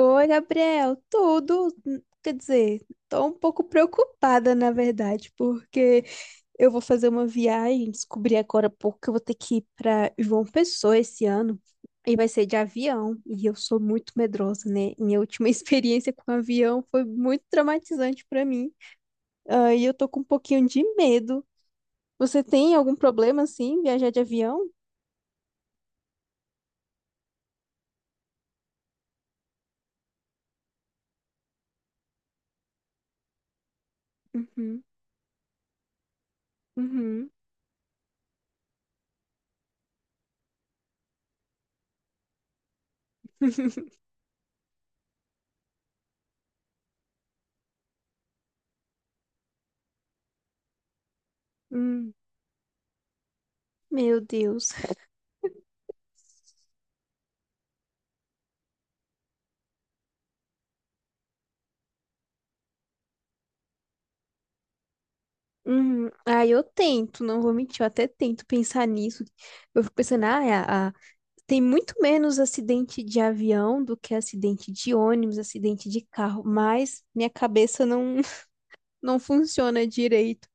Oi, Gabriel, tudo? Quer dizer, tô um pouco preocupada, na verdade, porque eu vou fazer uma viagem, descobri agora há pouco que eu vou ter que ir para João Pessoa esse ano, e vai ser de avião, e eu sou muito medrosa, né? Minha última experiência com avião foi muito traumatizante para mim, e eu tô com um pouquinho de medo. Você tem algum problema, assim, em viajar de avião? Uhum, uhum, hum, meu Deus. Uhum. Ah, eu tento, não vou mentir, eu até tento pensar nisso. Eu fico pensando, ah, tem muito menos acidente de avião do que acidente de ônibus, acidente de carro, mas minha cabeça não, não funciona direito.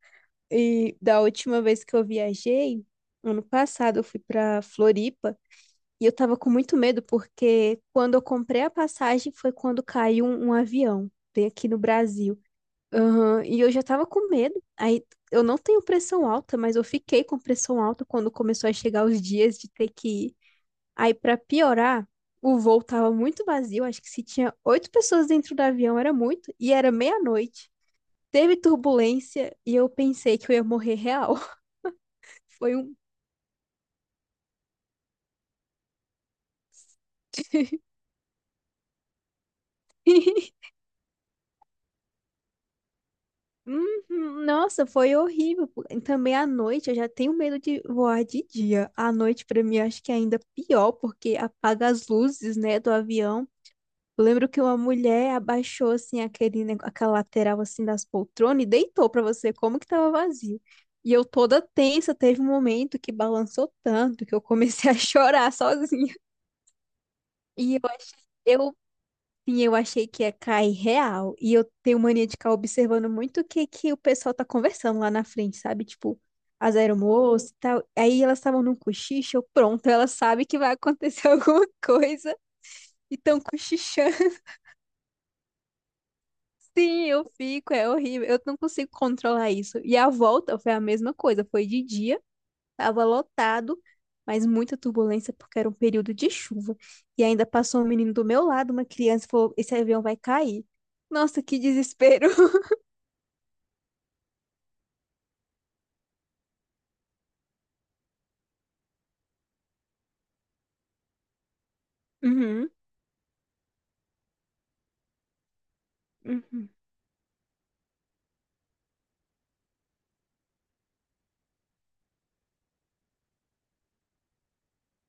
E da última vez que eu viajei, ano passado, eu fui para Floripa e eu tava com muito medo porque quando eu comprei a passagem foi quando caiu um avião, veio aqui no Brasil. Aham. E eu já tava com medo. Aí eu não tenho pressão alta, mas eu fiquei com pressão alta quando começou a chegar os dias de ter que ir. Aí, pra piorar, o voo tava muito vazio. Acho que se tinha oito pessoas dentro do avião era muito. E era meia-noite. Teve turbulência e eu pensei que eu ia morrer real. Foi um. Uhum. Nossa, foi horrível, pô. E também à noite eu já tenho medo de voar de dia. À noite, pra mim, acho que é ainda pior, porque apaga as luzes, né, do avião. Eu lembro que uma mulher abaixou assim aquele, aquela lateral assim das poltronas e deitou pra você como que tava vazio. E eu toda tensa, teve um momento que balançou tanto que eu comecei a chorar sozinha. E eu achei, eu, sim, eu achei que ia cair real. E eu tenho mania de ficar observando muito o que que o pessoal tá conversando lá na frente, sabe? Tipo, as aeromoças e tal. Aí elas estavam num cochicho, eu, pronto, ela sabe que vai acontecer alguma coisa e tão cochichando. Sim, eu fico, é horrível. Eu não consigo controlar isso. E a volta foi a mesma coisa. Foi de dia, tava lotado, mas muita turbulência porque era um período de chuva. E ainda passou um menino do meu lado, uma criança, e falou: Esse avião vai cair. Nossa, que desespero. Uhum, uhum,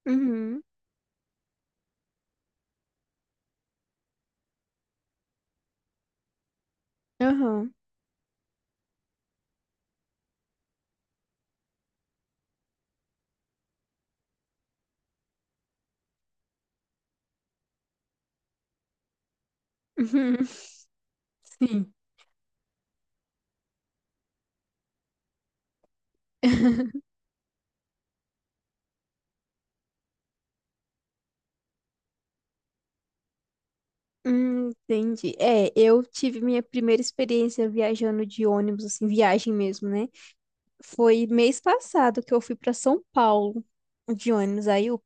uhum, aham, uhum, sim. Entendi. É, eu tive minha primeira experiência viajando de ônibus, assim, viagem mesmo, né? Foi mês passado que eu fui pra São Paulo de ônibus. Aí eu,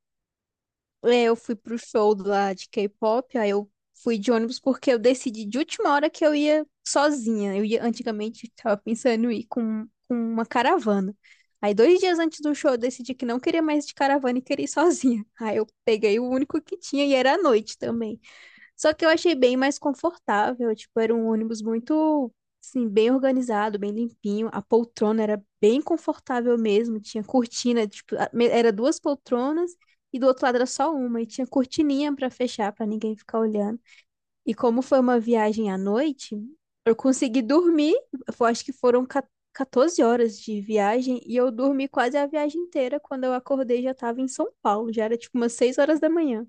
é, eu fui pro show lá de K-pop, aí eu fui de ônibus porque eu decidi de última hora que eu ia sozinha. Eu ia antigamente tava pensando em ir com uma caravana. Aí dois dias antes do show eu decidi que não queria mais de caravana e queria ir sozinha. Aí eu peguei o único que tinha e era à noite também. Só que eu achei bem mais confortável, tipo, era um ônibus muito, assim, bem organizado, bem limpinho. A poltrona era bem confortável mesmo, tinha cortina, tipo, era duas poltronas e do outro lado era só uma e tinha cortininha pra fechar pra ninguém ficar olhando. E como foi uma viagem à noite, eu consegui dormir, eu acho que foram 14 horas de viagem e eu dormi quase a viagem inteira. Quando eu acordei já tava em São Paulo, já era tipo umas 6 horas da manhã.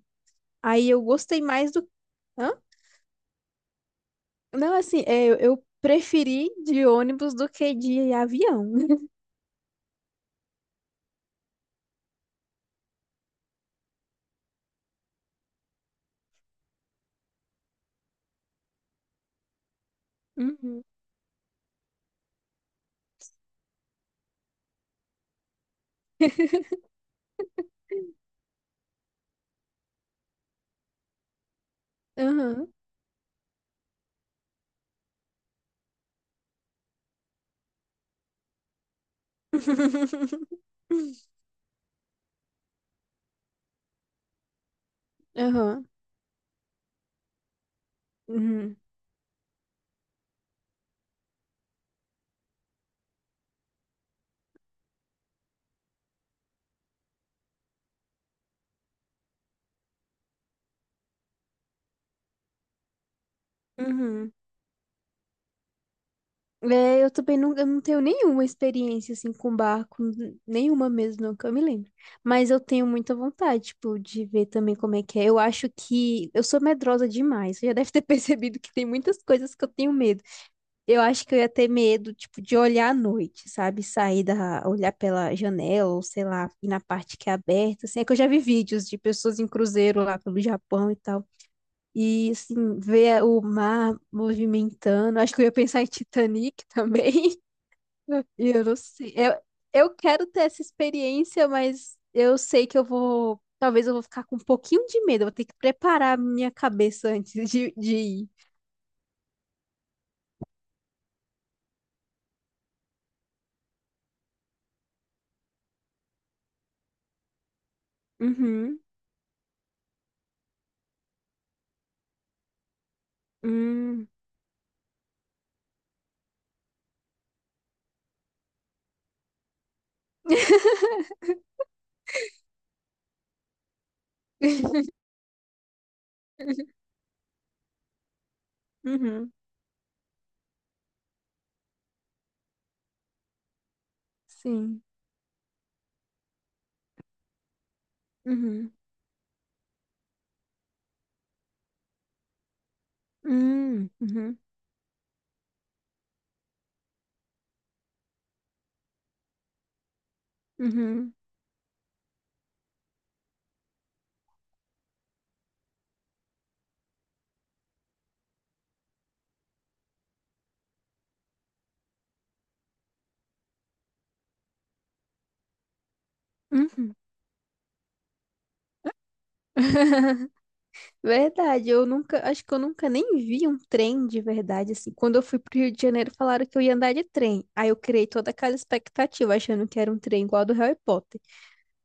Aí eu gostei mais do Hã? Não, assim, é, eu preferi de ônibus do que de avião. Uhum. Aham. Aham. Uhum. Uhum. É, eu também não, eu não tenho nenhuma experiência assim com barco, nenhuma mesmo, não que eu me lembro. Mas eu tenho muita vontade, tipo, de ver também como é que é. Eu acho que eu sou medrosa demais. Você já deve ter percebido que tem muitas coisas que eu tenho medo. Eu acho que eu ia ter medo, tipo, de olhar à noite, sabe? Sair da, olhar pela janela, ou sei lá, ir na parte que é aberta, assim. É que eu já vi vídeos de pessoas em cruzeiro lá pelo Japão e tal. E, assim, ver o mar movimentando. Acho que eu ia pensar em Titanic também. E eu não sei. Eu quero ter essa experiência, mas eu sei que eu vou. Talvez eu vou ficar com um pouquinho de medo. Eu vou ter que preparar minha cabeça antes de ir. Uhum. Hum. Uhum. Sim. Uhum. Uhum. Uhum. Uhum. Verdade, eu nunca, acho que eu nunca nem vi um trem de verdade, assim. Quando eu fui pro Rio de Janeiro, falaram que eu ia andar de trem. Aí eu criei toda aquela expectativa, achando que era um trem igual ao do Harry Potter.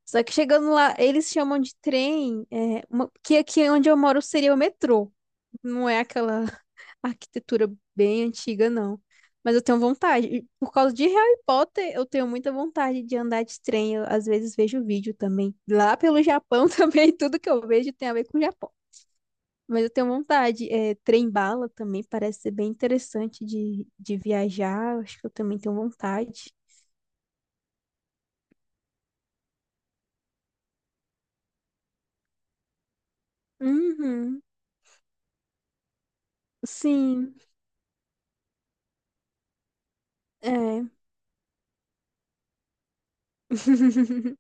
Só que chegando lá, eles chamam de trem, é, que aqui onde eu moro seria o metrô. Não é aquela arquitetura bem antiga, não. Mas eu tenho vontade. E por causa de Harry Potter, eu tenho muita vontade de andar de trem. Eu, às vezes vejo vídeo também. Lá pelo Japão também, tudo que eu vejo tem a ver com o Japão. Mas eu tenho vontade. É, trem-bala também parece ser bem interessante de viajar. Eu acho que eu também tenho vontade. Uhum. Sim, é.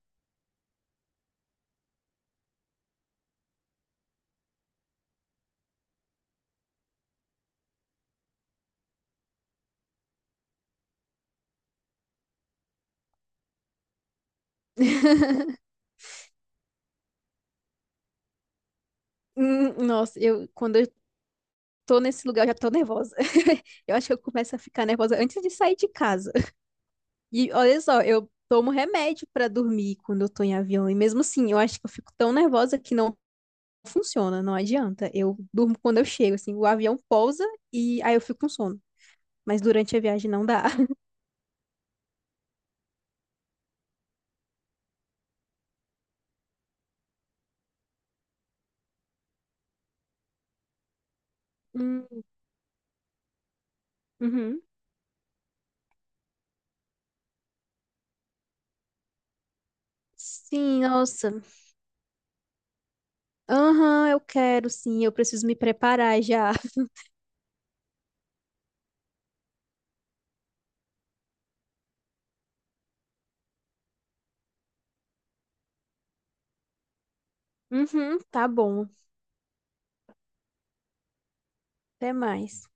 Nossa, eu quando eu tô nesse lugar, eu já tô nervosa. Eu acho que eu começo a ficar nervosa antes de sair de casa. E olha só, eu tomo remédio pra dormir quando eu tô em avião. E mesmo assim, eu acho que eu fico tão nervosa que não funciona, não adianta. Eu durmo quando eu chego, assim, o avião pousa e aí eu fico com sono. Mas durante a viagem não dá. Hum, uhum. Sim, nossa. Aham, eu quero, sim. Eu preciso me preparar já. Uhum, tá bom. Até mais.